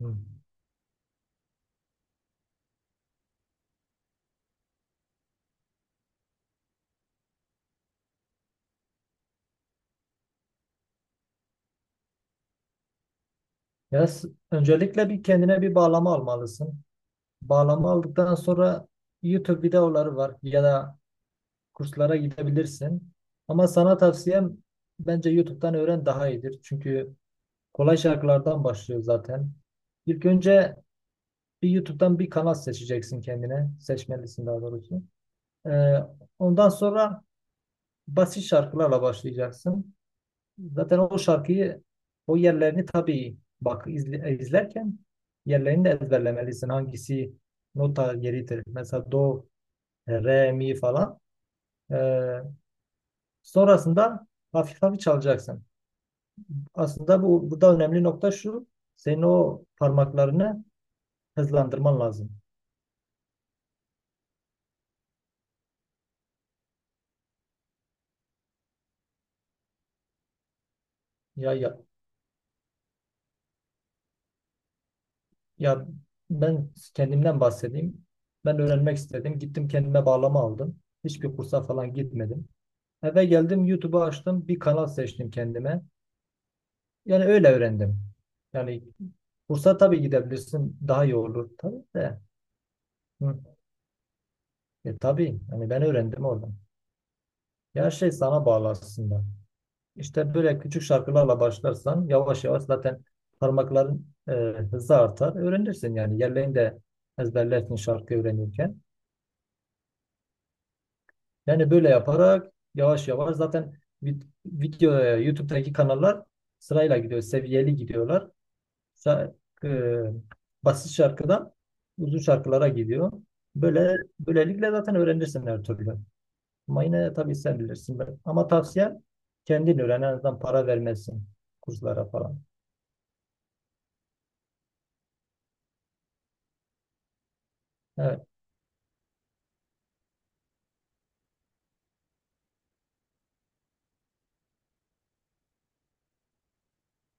Hı. Öncelikle bir kendine bir bağlama almalısın. Bağlama aldıktan sonra YouTube videoları var ya da kurslara gidebilirsin. Ama sana tavsiyem bence YouTube'dan öğren daha iyidir. Çünkü kolay şarkılardan başlıyor zaten. İlk önce bir YouTube'dan bir kanal seçeceksin kendine. Seçmelisin daha doğrusu. Ee, Ondan sonra basit şarkılarla başlayacaksın. Zaten o şarkıyı o yerlerini tabii bak izlerken yerlerini de ezberlemelisin. Hangisi nota yeridir. Mesela do, re, mi falan. Ee, Sonrasında hafif hafif çalacaksın. Aslında bu burada önemli nokta şu. Senin o parmaklarını hızlandırman lazım. Ya ya ya ben kendimden bahsedeyim. Ben öğrenmek istedim. Gittim kendime bağlama aldım. Hiçbir kursa falan gitmedim. Eve geldim YouTube'u açtım. Bir kanal seçtim kendime. Yani öyle öğrendim. Yani kursa tabii gidebilirsin. Daha iyi olur tabii de. Hı. Tabii. Yani ben öğrendim oradan. Ya her şey sana bağlı aslında. İşte böyle küçük şarkılarla başlarsan yavaş yavaş zaten parmakların hızı artar. Öğrenirsin yani. Yerlerini de ezberlersin şarkı öğrenirken. Yani böyle yaparak yavaş yavaş zaten video YouTube'daki kanallar sırayla gidiyor. Seviyeli gidiyorlar. Basit şarkıdan uzun şarkılara gidiyor. Böyle böylelikle zaten öğrenirsin her türlü. Ama yine tabii sen bilirsin. Ama tavsiyem kendin öğren. En azından para vermezsin kurslara falan. Evet.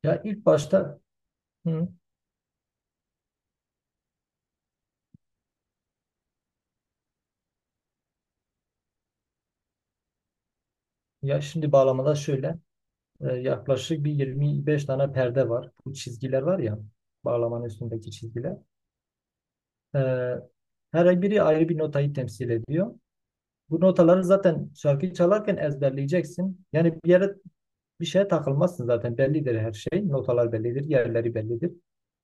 Ya ilk başta hı, ya şimdi bağlamada şöyle yaklaşık bir 25 tane perde var. Bu çizgiler var ya bağlamanın üstündeki çizgiler. E, Her biri ayrı bir notayı temsil ediyor. Bu notaları zaten şarkıyı çalarken ezberleyeceksin. Yani bir şeye takılmazsın zaten. Bellidir her şey. Notalar bellidir. Yerleri bellidir.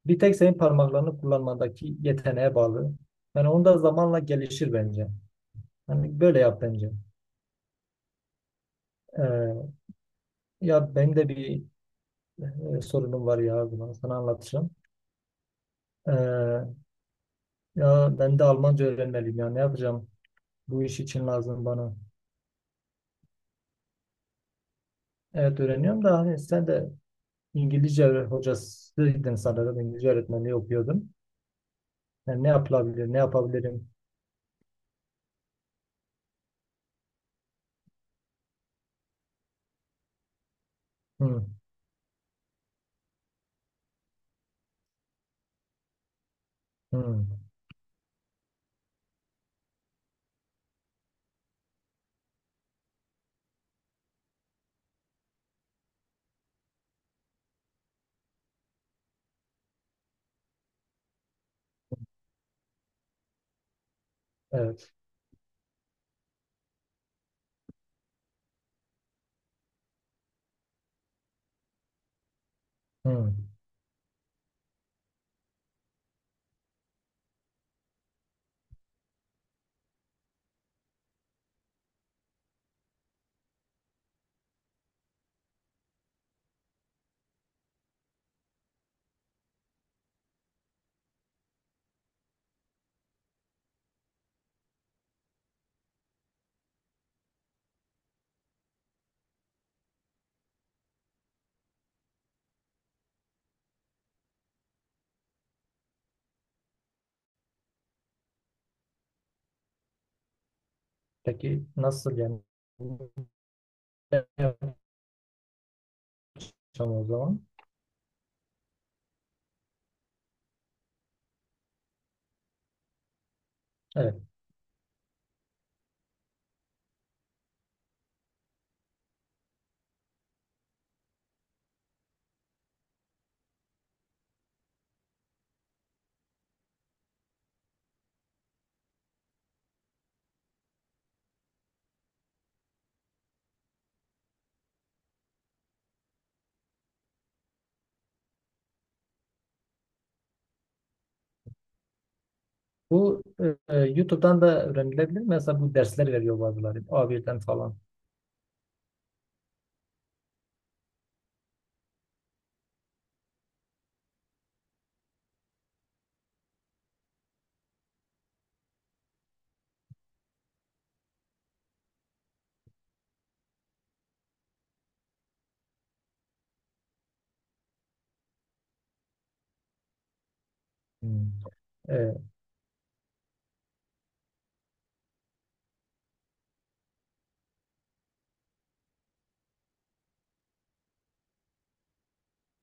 Bir tek senin parmaklarını kullanmandaki yeteneğe bağlı. Yani onda zamanla gelişir bence. Yani böyle yap bence. Ee, Ya benim de bir sorunum var ya. Bunu sana anlatacağım. Ee, Ya ben de Almanca öğrenmeliyim ya. Ne yapacağım? Bu iş için lazım bana. Evet öğreniyorum da hani sen de İngilizce hocasıydın sanırım. İngilizce öğretmenliği okuyordun. Yani ne yapılabilir? Ne yapabilirim? Hı, hı. Evet. Hmm. Peki nasıl yani? Ne yapacağım o zaman? Evet. Bu YouTube'dan da öğrenilebilir. Mesela bu dersler veriyor bazıları. A1'den falan. Hmm. Evet.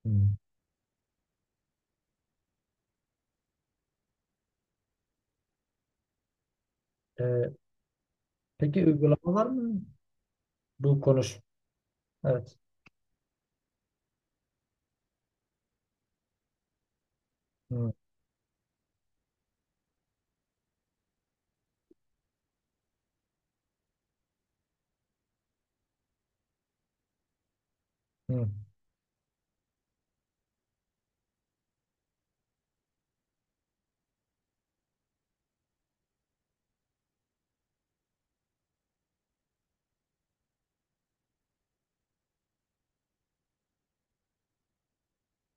Hmm. E, peki uygulamalar mı? Bu konuş. Evet. Hmm. Hmm.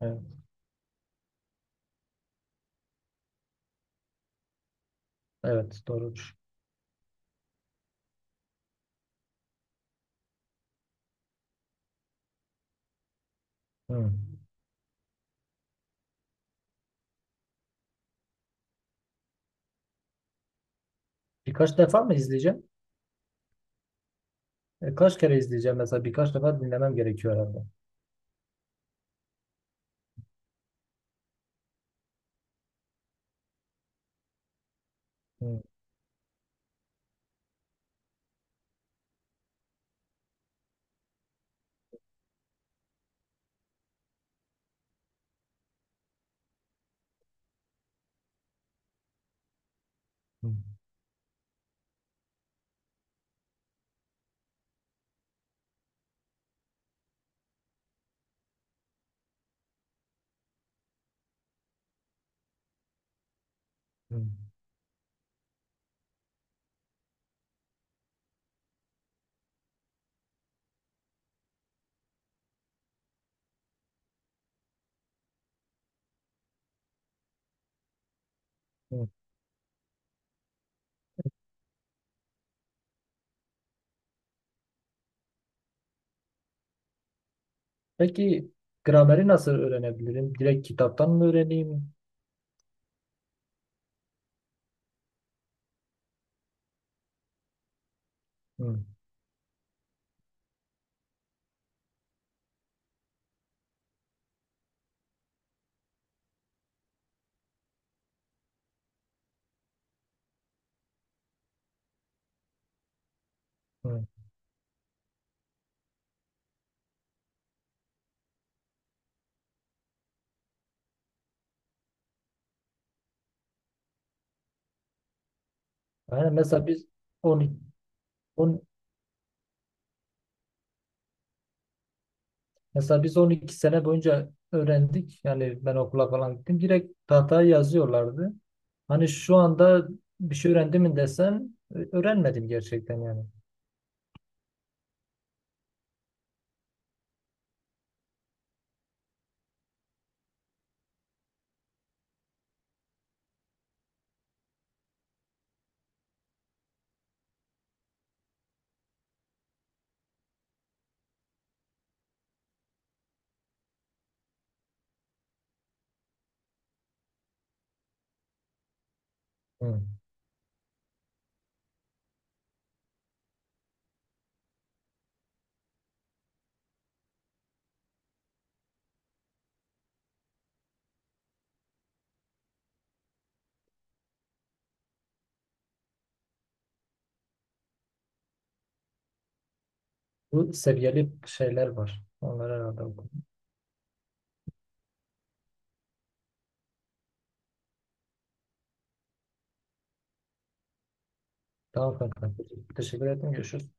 Evet. Evet. Doğrudur. Hmm. Birkaç defa mı izleyeceğim? Kaç kere izleyeceğim? Mesela birkaç defa dinlemem gerekiyor herhalde. Hmm. Hmm. Hmm. Hmm. Peki grameri nasıl öğrenebilirim? Direkt kitaptan mı öğreneyim? Hı, hı. Yani mesela biz 12, 10 12 sene boyunca öğrendik. Yani ben okula falan gittim. Direkt tahtaya yazıyorlardı. Hani şu anda bir şey öğrendim mi desen öğrenmedim gerçekten yani. Hı. Bu seviyeli şeyler var. Onlar herhalde okudum. Tamam kanka. Teşekkür ederim. Görüşürüz.